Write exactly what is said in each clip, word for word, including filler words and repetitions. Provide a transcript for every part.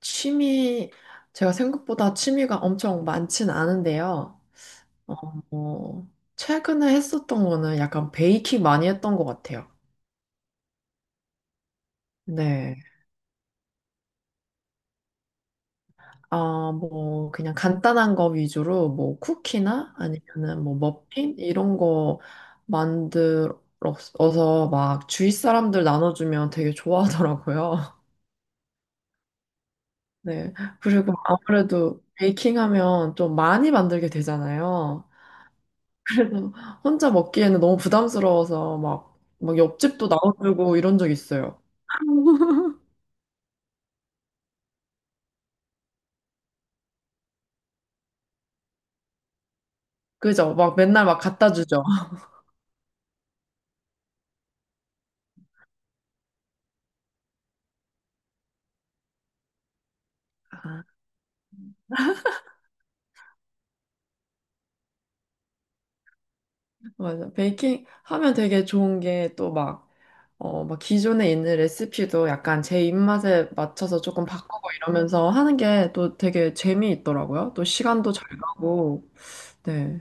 취미, 제가 생각보다 취미가 엄청 많진 않은데요. 어, 어, 최근에 했었던 거는 약간 베이킹 많이 했던 것 같아요. 네. 아, 뭐, 그냥 간단한 거 위주로 뭐 쿠키나 아니면은 뭐 머핀? 이런 거 만들어서 막 주위 사람들 나눠주면 되게 좋아하더라고요. 네. 그리고 아무래도 베이킹 하면 좀 많이 만들게 되잖아요. 그래서 혼자 먹기에는 너무 부담스러워서 막, 막 옆집도 나눠주고 이런 적 있어요. 그죠? 막 맨날 막 갖다 주죠. 아, 맞아. 베이킹 하면 되게 좋은 게 또 막, 어, 막 기존에 있는 레시피도 약간 제 입맛에 맞춰서 조금 바꾸고 이러면서 하는 게 또 되게 재미있더라고요. 또 시간도 잘 가고, 네.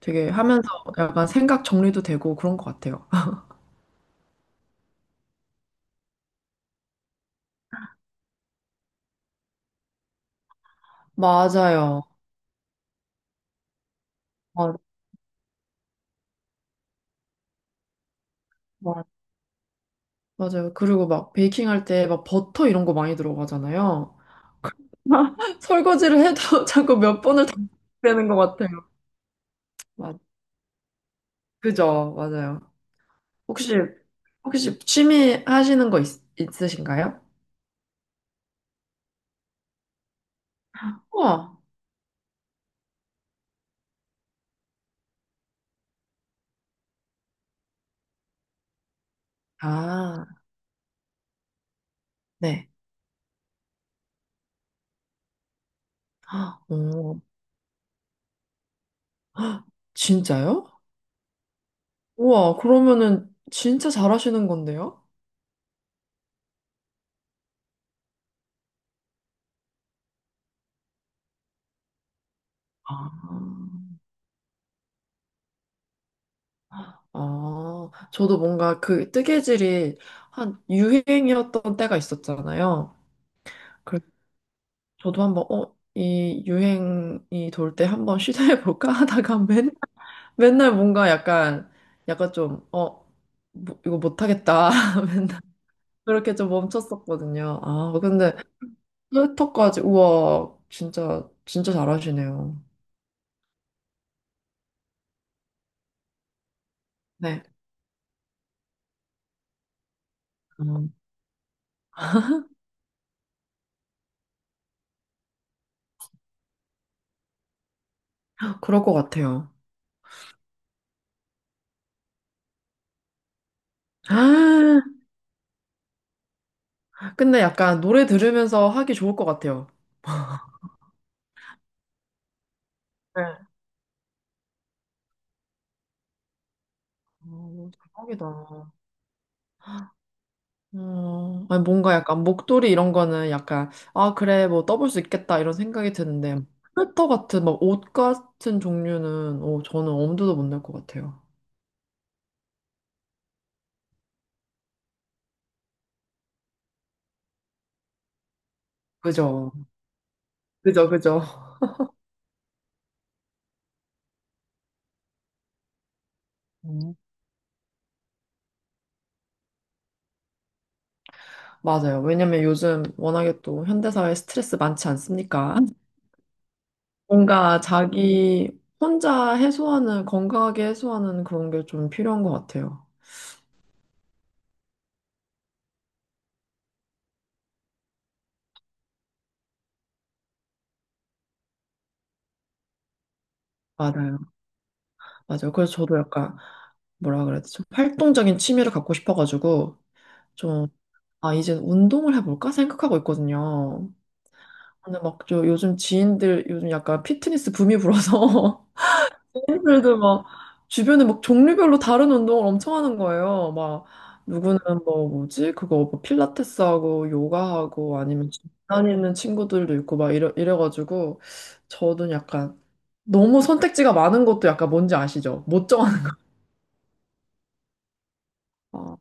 되게 하면서 약간 생각 정리도 되고 그런 것 같아요. 맞아요. 맞아요. 맞아요. 그리고 막 베이킹 할 때 막 버터 이런 거 많이 들어가잖아요. 설거지를 해도 자꾸 몇 번을 더 되는 것 같아요. 맞, 그죠? 맞아요. 혹시, 혹시 취미 하시는 거 있, 있으신가요? 우와. 아, 네. 아, 오. 헉, 진짜요? 우와, 그러면은 진짜 잘하시는 건데요? 아, 아, 저도 뭔가 그 뜨개질이 한 유행이었던 때가 있었잖아요. 저도 한번 어, 이 유행이 돌 때 한번 시도해 볼까 하다가 맨 맨날 뭔가 약간 약간 좀 어, 뭐, 이거 못 하겠다. 맨날 그렇게 좀 멈췄었거든요. 아, 근데 트위터까지 우와, 진짜 진짜 잘하시네요. 네. 음, 그럴 것 같아요. 아, 근데 약간 노래 들으면서 하기 좋을 것 같아요. 네. 아, 대박이다. 어, 아니, 뭔가 약간 목도리 이런 거는 약간, 아, 그래, 뭐 떠볼 수 있겠다, 이런 생각이 드는데, 스웨터 같은, 막 옷 같은 종류는, 어, 저는 엄두도 못 낼 것 같아요. 그죠? 그죠, 그죠. 음. 맞아요. 왜냐면 요즘 워낙에 또 현대사회 스트레스 많지 않습니까? 뭔가 자기 혼자 해소하는, 건강하게 해소하는 그런 게 좀 필요한 것 같아요. 맞아요. 맞아요. 그래서 저도 약간, 뭐라 그래야 되죠? 활동적인 취미를 갖고 싶어가지고, 좀 아, 이제 운동을 해볼까 생각하고 있거든요. 근데 막 저 요즘 지인들 요즘 약간 피트니스 붐이 불어서 지인들도 막 주변에 막 종류별로 다른 운동을 엄청 하는 거예요. 막 누구는 뭐 뭐지? 그거 뭐 필라테스 하고 요가 하고 아니면 집 다니는 친구들도 있고 막 이래, 이래가지고 저도 약간 너무 선택지가 많은 것도 약간 뭔지 아시죠? 못 정하는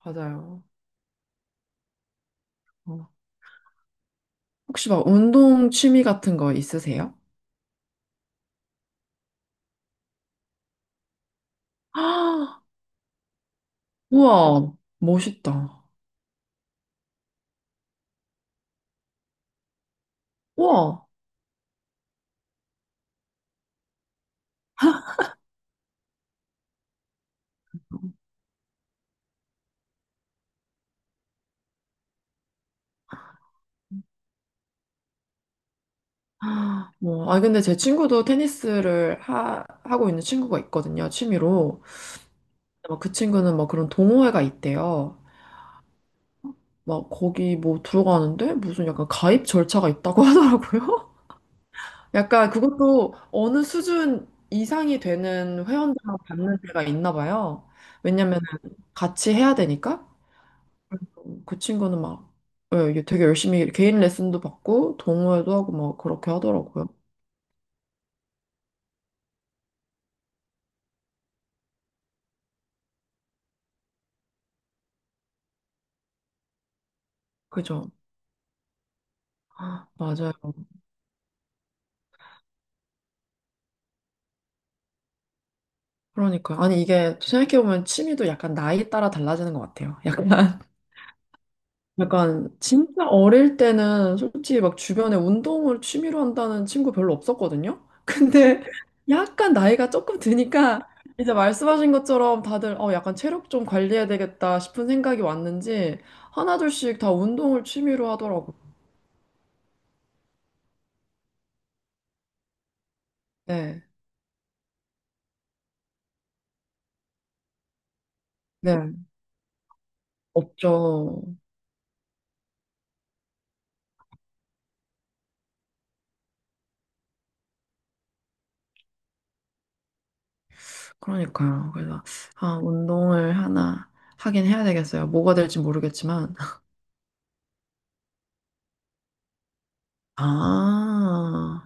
아, 맞아요. 어. 혹시 막 운동 취미 같은 거 있으세요? 우와, 멋있다. 우와. 아, 뭐, 아, 근데 제 친구도 테니스를 하, 하고 있는 친구가 있거든요, 취미로. 어, 그 친구는 뭐 그런 동호회가 있대요. 막 거기 뭐 들어가는데 무슨 약간 가입 절차가 있다고 하더라고요. 약간 그것도 어느 수준 이상이 되는 회원들만 받는 데가 있나 봐요. 왜냐면 같이 해야 되니까. 그래서 그 친구는 막 예, 이게 되게 열심히 개인 레슨도 받고 동호회도 하고 막 그렇게 하더라고요. 그죠? 아, 맞아요. 그러니까 아니 이게 생각해보면 취미도 약간 나이에 따라 달라지는 것 같아요. 약간 약간 진짜 어릴 때는 솔직히 막 주변에 운동을 취미로 한다는 친구 별로 없었거든요. 근데 약간 나이가 조금 드니까 이제 말씀하신 것처럼 다들 어 약간 체력 좀 관리해야 되겠다 싶은 생각이 왔는지 하나둘씩 다 운동을 취미로 하더라고요. 네. 네. 없죠. 그러니까요. 그래서, 아, 운동을 하나 하긴 해야 되겠어요. 뭐가 될지 모르겠지만. 아,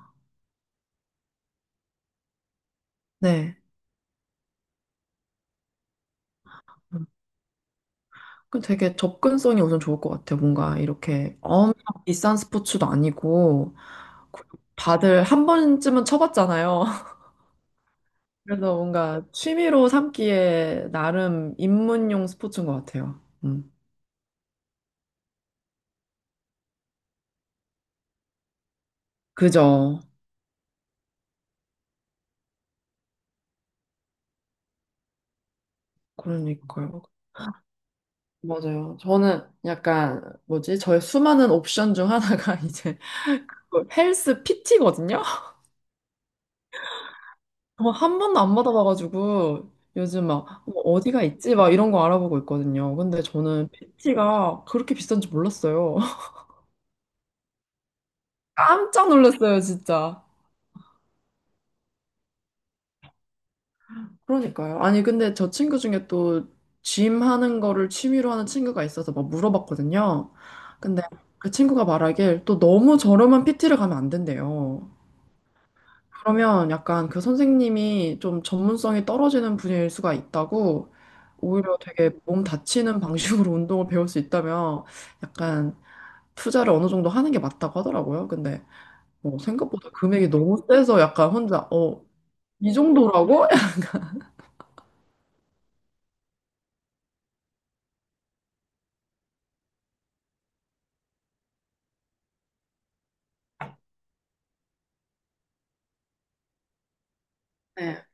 네. 그 되게 접근성이 우선 좋을 것 같아요. 뭔가 이렇게 엄청 비싼 스포츠도 아니고, 그리고 다들 한 번쯤은 쳐봤잖아요. 그래서 뭔가 취미로 삼기에 나름 입문용 스포츠인 것 같아요. 음. 그죠. 그러니까요. 맞아요. 저는 약간, 뭐지? 저의 수많은 옵션 중 하나가 이제 그 헬스 피티거든요? 한 번도 안 받아봐가지고 요즘 막뭐 어디가 있지? 막 이런 거 알아보고 있거든요. 근데 저는 피티가 그렇게 비싼 지 몰랐어요. 깜짝 놀랐어요, 진짜. 그러니까요. 아니, 근데 저 친구 중에 또 짐 하는 거를 취미로 하는 친구가 있어서 막 물어봤거든요. 근데 그 친구가 말하길 또 너무 저렴한 피티를 가면 안 된대요. 그러면 약간 그 선생님이 좀 전문성이 떨어지는 분야일 수가 있다고 오히려 되게 몸 다치는 방식으로 운동을 배울 수 있다면 약간 투자를 어느 정도 하는 게 맞다고 하더라고요. 근데 뭐 생각보다 금액이 너무 세서 약간 혼자 어, 이 정도라고? 네,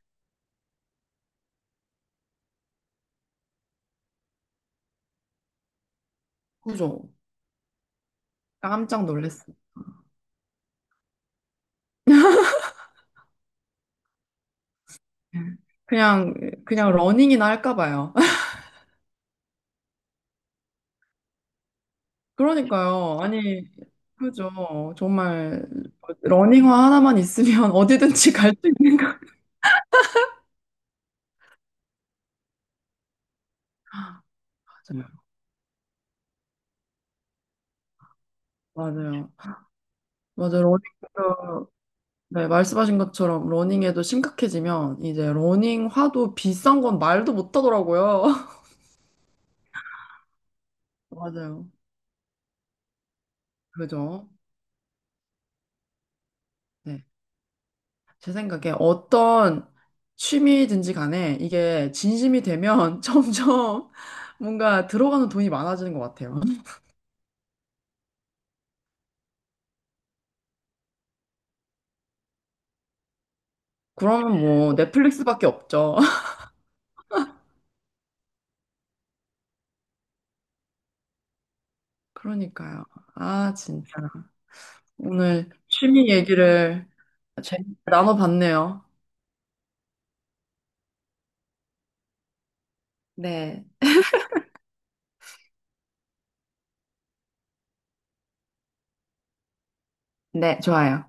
그죠. 깜짝 놀랐어요. 그냥 그냥 러닝이나 할까 봐요. 그러니까요. 아니, 그죠. 정말 러닝화 하나만 있으면 어디든지 갈 수 있는 거. 맞아요. 맞아요. 러닝도, 네, 말씀하신 것처럼 러닝에도 심각해지면 이제 러닝화도 비싼 건 말도 못 하더라고요. 맞아요. 그죠? 네. 제 생각에 어떤 취미든지 간에 이게 진심이 되면 점점 뭔가 들어가는 돈이 많아지는 것 같아요. 그러면 뭐 넷플릭스밖에 없죠. 그러니까요. 아, 진짜. 오늘 취미 얘기를 재밌게 나눠봤네요. 네. 네, 좋아요.